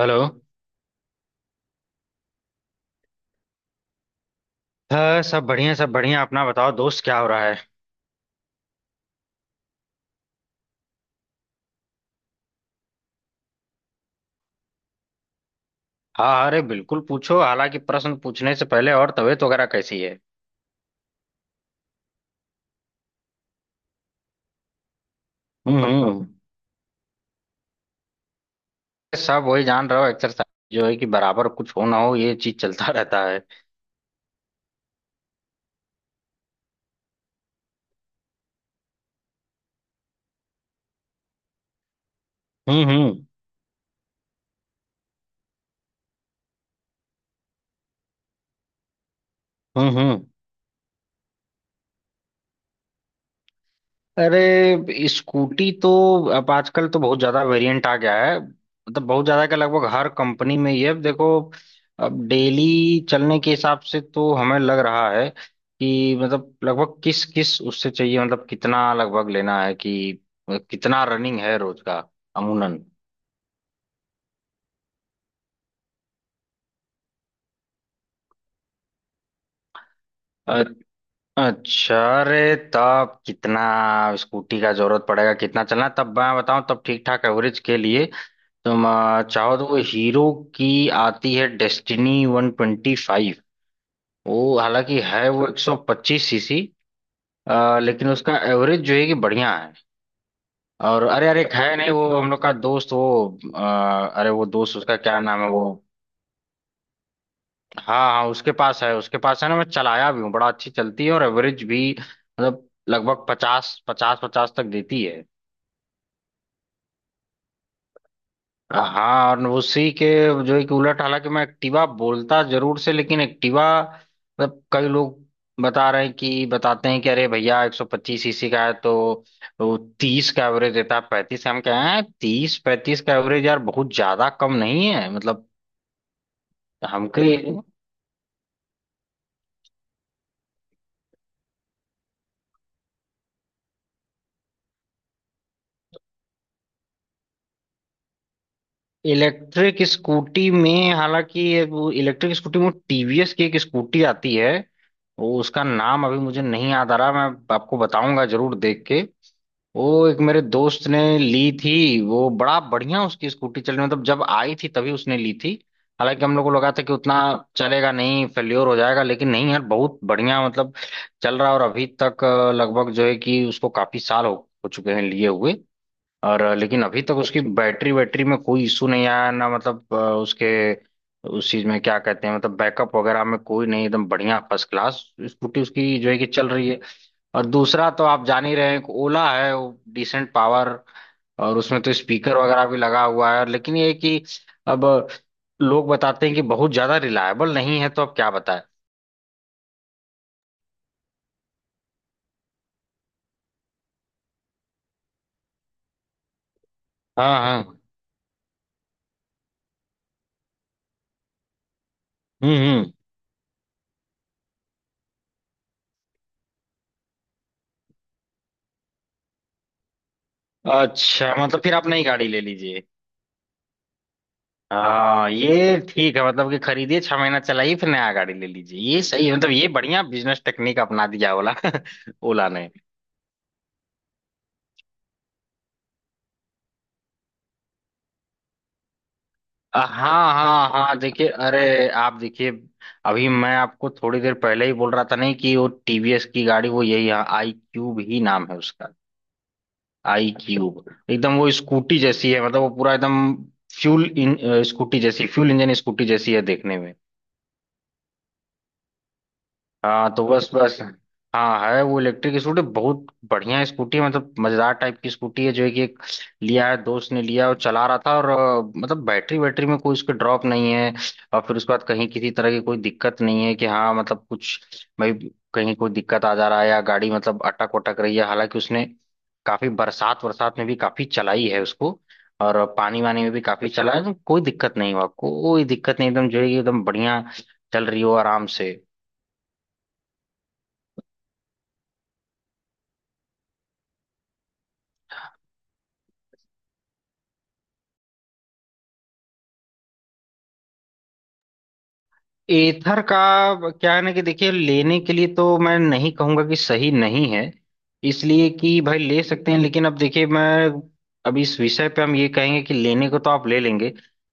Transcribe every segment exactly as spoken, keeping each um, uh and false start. Hello हाँ सब बढ़िया सब बढ़िया अपना बताओ दोस्त क्या हो रहा है। हाँ अरे बिल्कुल पूछो। हालांकि प्रश्न पूछने से पहले और तबीयत वगैरह कैसी है। हम्म हम्म। सब वही जान रहे हो। एक्सरसाइज जो है कि बराबर कुछ हो ना हो ये चीज चलता रहता है। हम्म हम्म हम्म हम्म। अरे स्कूटी तो अब आजकल तो बहुत ज्यादा वेरिएंट आ गया है, मतलब बहुत ज्यादा का लगभग हर कंपनी में ये अब देखो। अब डेली चलने के हिसाब से तो हमें लग रहा है कि मतलब लगभग किस किस उससे चाहिए, मतलब कितना लगभग लेना है कि कितना रनिंग है रोज का, अमूनन। अ- अच्छा, अरे तब कितना स्कूटी का जरूरत पड़ेगा, कितना चलना है, तब मैं बताऊं तब ठीक ठाक एवरेज के लिए। तुम आ, चाहो तो वो हीरो की आती है डेस्टिनी वन ट्वेंटी फाइव। वो हालांकि है वो एक सौ पच्चीस सीसी, लेकिन उसका एवरेज जो है कि बढ़िया है। और अरे अरे एक है, नहीं वो हम लोग का दोस्त वो आ, अरे वो दोस्त उसका क्या नाम है वो। हाँ हाँ उसके पास है, उसके पास है ना, मैं चलाया भी हूँ, बड़ा अच्छी चलती है और एवरेज भी मतलब लगभग पचास पचास पचास तक देती है। हाँ और उसी के जो है कि उलट, हालांकि मैं एक्टिवा बोलता जरूर से लेकिन एक्टिवा मतलब कई लोग बता रहे हैं कि बताते हैं कि अरे भैया एक सौ पच्चीस सीसी का है, तो वो तीस का एवरेज देता है, पैंतीस का। हम कह रहे हैं तीस पैंतीस का एवरेज यार बहुत ज्यादा कम नहीं है मतलब हमको। इलेक्ट्रिक स्कूटी में, हालांकि ये वो इलेक्ट्रिक स्कूटी में टीवीएस की एक स्कूटी आती है, वो उसका नाम अभी मुझे नहीं याद आ रहा, मैं आपको बताऊंगा जरूर देख के। वो एक मेरे दोस्त ने ली थी, वो बड़ा बढ़िया उसकी स्कूटी चली, मतलब जब आई थी तभी उसने ली थी। हालांकि हम लोग को लगा था कि उतना चलेगा नहीं, फेल्योर हो जाएगा, लेकिन नहीं यार बहुत बढ़िया मतलब चल रहा है। और अभी तक अ, लगभग जो है कि उसको काफी साल हो, हो चुके हैं लिए हुए। और अ, लेकिन अभी तक उसकी बैटरी वैटरी में कोई इशू नहीं आया ना, मतलब अ, उसके उस चीज में क्या कहते हैं मतलब बैकअप वगैरह में कोई नहीं, एकदम बढ़िया फर्स्ट क्लास स्कूटी उसकी जो है कि चल रही है। और दूसरा तो आप जान ही रहे हैं कि ओला है, वो डिसेंट पावर और उसमें तो स्पीकर वगैरह भी लगा हुआ है, लेकिन ये है कि अब लोग बताते हैं कि बहुत ज्यादा रिलायबल नहीं है, तो अब क्या बताएं। हाँ हाँ। हम्म हम्म। अच्छा मतलब फिर आप नई गाड़ी ले लीजिए। हाँ ये ठीक है, मतलब कि खरीदिए छह महीना चलाइए फिर नया गाड़ी ले लीजिए, ये सही है, मतलब ये बढ़िया बिजनेस टेक्निक अपना दिया ओला। ओला ने। अ, हाँ हाँ हाँ देखिए, अरे आप देखिए, अभी मैं आपको थोड़ी देर पहले ही बोल रहा था नहीं कि वो टीवीएस की गाड़ी, वो यही है आई क्यूब ही नाम है उसका। आई क्यूब एकदम वो स्कूटी जैसी है, मतलब वो पूरा एकदम फ्यूल इन स्कूटी जैसी फ्यूल इंजन स्कूटी जैसी है देखने में। हाँ तो बस उसके बस, हाँ है वो इलेक्ट्रिक स्कूटी, बहुत बढ़िया स्कूटी है, मतलब मजेदार टाइप की स्कूटी है जो है कि एक लिया है दोस्त ने, लिया और चला रहा था और अ, मतलब बैटरी बैटरी में कोई उसके ड्रॉप नहीं है। और फिर उसके बाद कहीं किसी तरह की कोई दिक्कत नहीं है कि हाँ मतलब कुछ भाई कहीं कोई दिक्कत आ जा रहा है या गाड़ी मतलब अटक वटक रही है। हालांकि उसने काफी बरसात बरसात में भी काफी चलाई है उसको, और पानी वानी में भी काफी चला है, तो कोई दिक्कत नहीं हुआ, कोई दिक्कत नहीं, एकदम जो है कि एकदम बढ़िया चल रही हो आराम से। एथर का क्या है ना कि देखिए, लेने के लिए तो मैं नहीं कहूंगा कि सही नहीं है, इसलिए कि भाई ले सकते हैं, लेकिन अब देखिए मैं अब इस विषय पे हम ये कहेंगे कि लेने को तो आप ले लेंगे,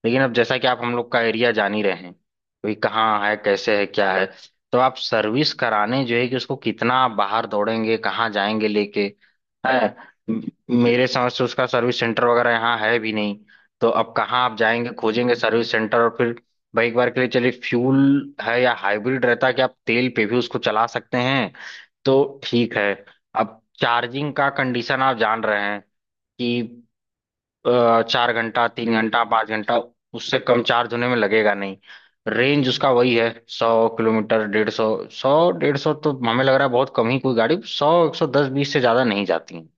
लेकिन अब जैसा कि आप हम लोग का एरिया जान ही रहे हैं, कोई कहाँ है, कैसे है, क्या है, तो आप सर्विस कराने जो है कि उसको कितना आप बाहर दौड़ेंगे, कहाँ जाएंगे लेके, है म- मेरे समझ से उसका सर्विस सेंटर वगैरह यहाँ है भी नहीं। तो अब कहाँ आप जाएंगे खोजेंगे सर्विस सेंटर, और फिर भाई एक बार के लिए चलिए फ्यूल है या हाइब्रिड रहता कि आप तेल पे भी उसको चला सकते हैं, तो ठीक है। अब चार्जिंग का कंडीशन आप जान रहे हैं कि अ, चार घंटा तीन घंटा पाँच घंटा उससे कम चार्ज होने में लगेगा नहीं। रेंज उसका वही है सौ किलोमीटर डेढ़ सौ, सौ डेढ़ सौ तो हमें लग रहा है बहुत कम ही कोई गाड़ी सौ एक सौ दस बीस से ज्यादा नहीं जाती हैं।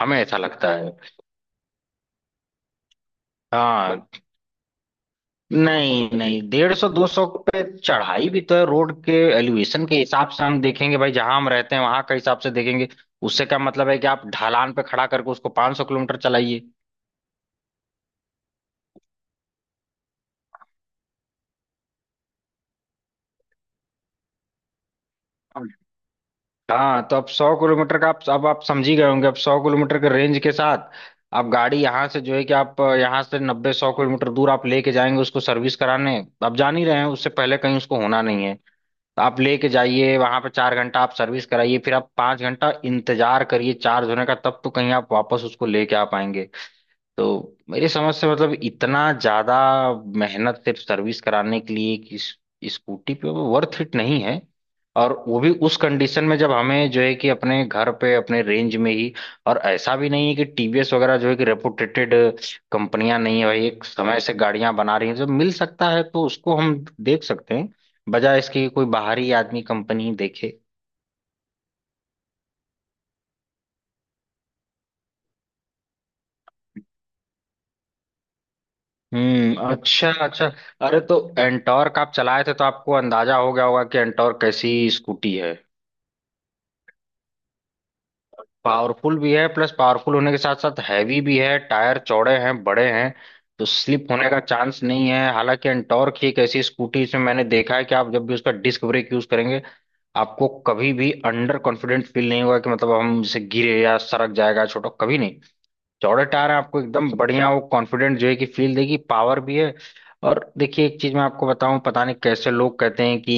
हमें ऐसा लगता है। हाँ नहीं नहीं डेढ़ सौ दो सौ पे चढ़ाई भी तो है रोड के एलिवेशन के हिसाब से हम देखेंगे भाई, जहां हम रहते हैं वहां के हिसाब से देखेंगे। उससे क्या मतलब है कि आप ढलान पे खड़ा करके उसको पाँच सौ किलोमीटर चलाइए। हाँ तो अब सौ किलोमीटर का आप अब आप समझ ही गए होंगे, अब सौ किलोमीटर के रेंज के साथ आप गाड़ी यहाँ से जो है कि आप अ, यहाँ से नब्बे सौ किलोमीटर दूर आप लेके जाएंगे उसको सर्विस कराने, आप जान ही रहे हैं उससे पहले कहीं उसको होना नहीं है। तो आप लेके जाइए, वहां पे चार घंटा आप सर्विस कराइए, फिर आप पांच घंटा इंतजार करिए चार्ज होने का, तब तो कहीं आप वापस उसको लेके आ पाएंगे। तो मेरी समझ से मतलब इतना ज्यादा मेहनत सिर्फ सर्विस कराने के लिए कि इस- इस स्कूटी पे वो वर्थ इट नहीं है, और वो भी उस कंडीशन में जब हमें जो है कि अपने घर पे अपने रेंज में ही। और ऐसा भी नहीं है कि टीवीएस वगैरह जो है कि रेपुटेटेड कंपनियां नहीं है भाई, एक समय से गाड़ियां बना रही हैं, जब मिल सकता है तो उसको हम देख सकते हैं, बजाय इसके कि कोई बाहरी आदमी कंपनी देखे। हम्म अच्छा अच्छा। अरे तो एंटॉर्क आप चलाए थे तो आपको अंदाजा हो गया होगा कि एंटॉर्क कैसी स्कूटी है। पावरफुल भी है, प्लस पावरफुल होने के साथ साथ हैवी भी है, टायर चौड़े हैं बड़े हैं, तो स्लिप होने का चांस नहीं है। हालांकि एंटॉर्क ही एक ऐसी स्कूटी इसमें मैंने देखा है कि आप जब भी उसका डिस्क ब्रेक यूज करेंगे, आपको कभी भी अंडर कॉन्फिडेंट फील नहीं होगा कि मतलब हम इसे गिरे या सरक जाएगा, छोटा कभी नहीं। चौड़े टायर हैं, आपको एकदम बढ़िया वो कॉन्फिडेंट जो है कि फील देगी, पावर भी है। और देखिए एक चीज मैं आपको बताऊं, पता नहीं कैसे लोग कहते हैं कि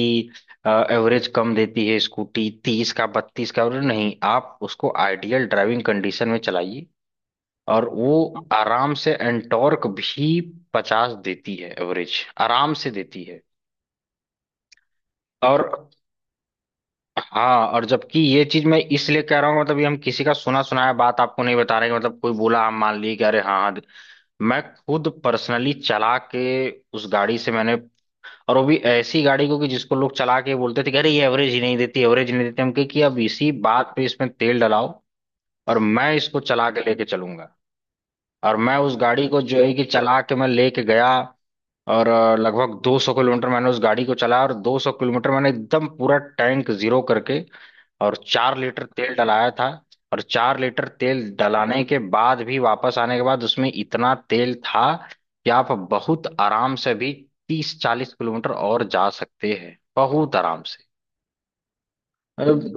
एवरेज कम देती है स्कूटी, तीस का बत्तीस का एवरेज, नहीं आप उसको आइडियल ड्राइविंग कंडीशन में चलाइए और वो आराम से एंटॉर्क भी पचास देती है एवरेज, आराम से देती है। और हाँ, और जबकि ये चीज मैं इसलिए कह रहा हूँ, मतलब ये हम किसी का सुना सुनाया बात आपको नहीं बता रहे हैं, मतलब कोई बोला आप मान लिए कि अरे हाँ हाँ। मैं खुद पर्सनली चला के उस गाड़ी से मैंने, और वो भी ऐसी गाड़ी को कि जिसको लोग चला के बोलते थे कि अरे ये एवरेज ही नहीं देती, एवरेज ही नहीं देती। हम कहे कि अब इसी बात पे इसमें तेल डलाओ, और मैं इसको चला के लेके चलूंगा। और मैं उस गाड़ी को जो है कि चला के मैं लेके गया, और अ, लगभग दो सौ किलोमीटर मैंने उस गाड़ी को चलाया, और दो सौ किलोमीटर मैंने एकदम पूरा टैंक जीरो करके और चार लीटर तेल डलाया था। और चार लीटर तेल डलाने के बाद भी वापस आने के बाद उसमें इतना तेल था कि आप बहुत आराम से भी तीस चालीस किलोमीटर और जा सकते हैं, बहुत आराम से।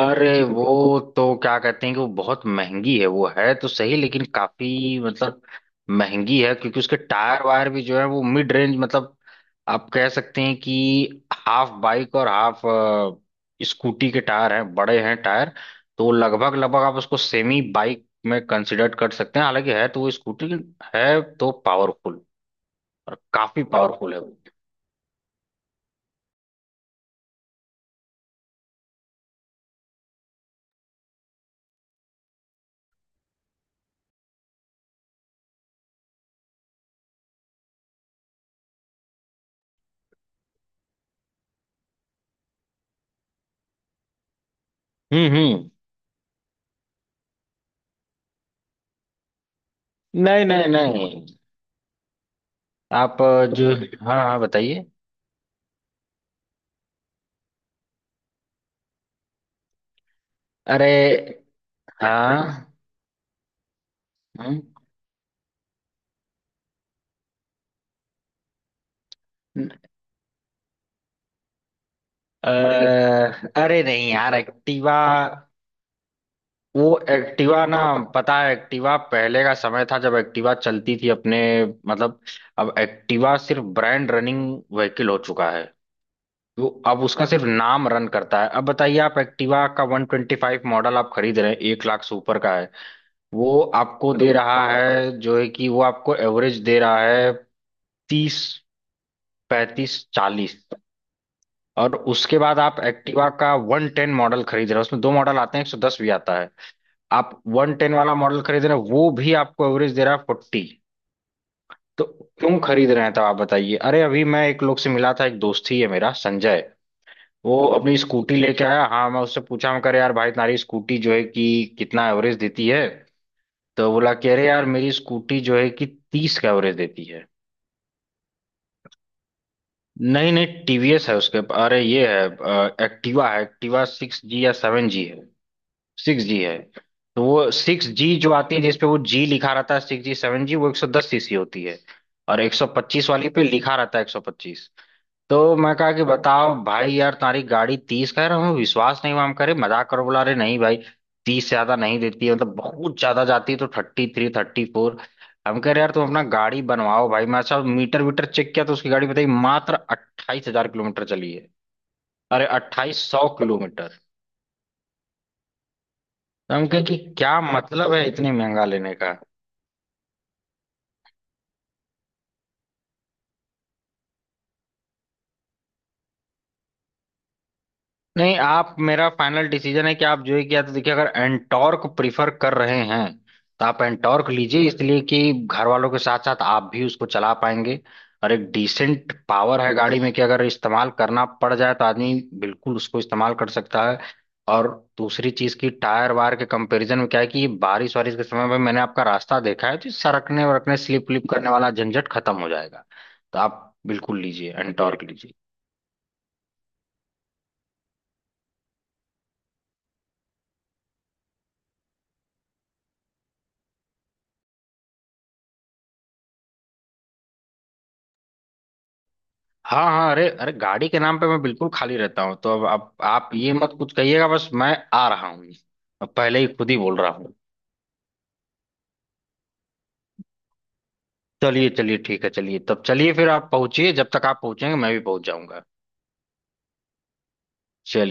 अरे वो तो क्या कहते हैं कि वो बहुत महंगी है, वो है तो सही लेकिन काफी मतलब महंगी है, क्योंकि उसके टायर वायर भी जो है वो मिड रेंज, मतलब आप कह सकते हैं कि हाफ बाइक और हाफ स्कूटी के टायर हैं, बड़े हैं टायर, तो लगभग लगभग आप उसको सेमी बाइक में कंसिडर कर सकते हैं, हालांकि है तो वो स्कूटी, है तो पावरफुल, और काफी पावरफुल है वो। हम्म हम्म। नहीं नहीं नहीं, आप अ, जो हाँ हाँ बताइए। अरे हाँ। हम्म, अ, अरे नहीं यार एक्टिवा, वो एक्टिवा ना, पता है एक्टिवा पहले का समय था जब एक्टिवा चलती थी अपने मतलब, अब एक्टिवा सिर्फ ब्रांड रनिंग व्हीकल हो चुका है, वो अब उसका सिर्फ नाम रन करता है। अब बताइए आप एक्टिवा का वन ट्वेंटी फाइव मॉडल आप खरीद रहे हैं, एक लाख से ऊपर का है, वो आपको दे रहा है जो है कि वो आपको एवरेज दे रहा है तीस पैंतीस चालीस। और उसके बाद आप एक्टिवा का वन टेन मॉडल खरीद रहे हो, उसमें दो मॉडल आते हैं, एक सौ दस भी आता है, आप वन टेन वाला मॉडल खरीद रहे हो, वो भी आपको एवरेज दे रहा है फोर्टी। तो क्यों खरीद रहे हैं तब आप बताइए। अरे अभी मैं एक लोग से मिला था, एक दोस्त ही है मेरा संजय, वो अपनी स्कूटी लेके आया, हाँ मैं उससे पूछा, मैं कह रहा यार भाई तुम्हारी स्कूटी जो है कि कितना एवरेज देती है। तो बोला, कह रहे यार मेरी स्कूटी जो है कि तीस का एवरेज देती है। नहीं नहीं, टीवीएस है उसके, अरे ये है एक्टिवा है, एक्टिवा सिक्स जी या सेवन जी है, सिक्स जी है। तो वो सिक्स जी जो आती है जिसपे वो जी लिखा रहता है सिक्स जी सेवन जी, वो एक सौ दस सीसी होती है, और एक सौ पच्चीस वाली पे लिखा रहता है एक सौ पच्चीस। तो मैं कहा कि बताओ भाई यार तुम्हारी गाड़ी तीस, कह रहा हूँ विश्वास नहीं हुआ, हम करे मजाक करो, बोला अरे नहीं भाई तीस ज्यादा नहीं देती है, मतलब बहुत ज्यादा जाती है तो थर्टी थ्री थर्टी फोर। हम कह रहे यार तुम अपना गाड़ी बनवाओ भाई। मैं अच्छा मीटर वीटर चेक किया तो उसकी गाड़ी बताई मात्र अट्ठाईस हजार किलोमीटर चली है। अरे अट्ठाईस सौ किलोमीटर। तो हम क्योंकि क्या मतलब है इतनी महंगा लेने का। नहीं आप, मेरा फाइनल डिसीजन है कि आप जो है कि या तो देखिए, अगर एंटॉर्क प्रिफर कर रहे हैं तो आप एंटॉर्क लीजिए, इसलिए कि घर वालों के साथ साथ आप भी उसको चला पाएंगे, और एक डिसेंट पावर है गाड़ी में कि अगर इस्तेमाल करना पड़ जाए तो आदमी बिल्कुल उसको इस्तेमाल कर सकता है। और दूसरी चीज की टायर वायर के कंपैरिजन में क्या है कि ये बारिश वारिश के समय में मैंने आपका रास्ता देखा है, तो ये सरकने वरकने स्लिप व्लिप करने वाला झंझट खत्म हो जाएगा। तो आप बिल्कुल लीजिए, एंटॉर्क लीजिए। हाँ हाँ अरे अरे गाड़ी के नाम पे मैं बिल्कुल खाली रहता हूँ, तो अब आप, आप ये मत कुछ कहिएगा, बस मैं आ रहा हूँ, अब पहले ही खुद ही बोल रहा हूँ। चलिए चलिए ठीक है, चलिए तब, चलिए फिर आप पहुंचिए, जब तक आप पहुंचेंगे मैं भी पहुंच जाऊंगा। चलिए।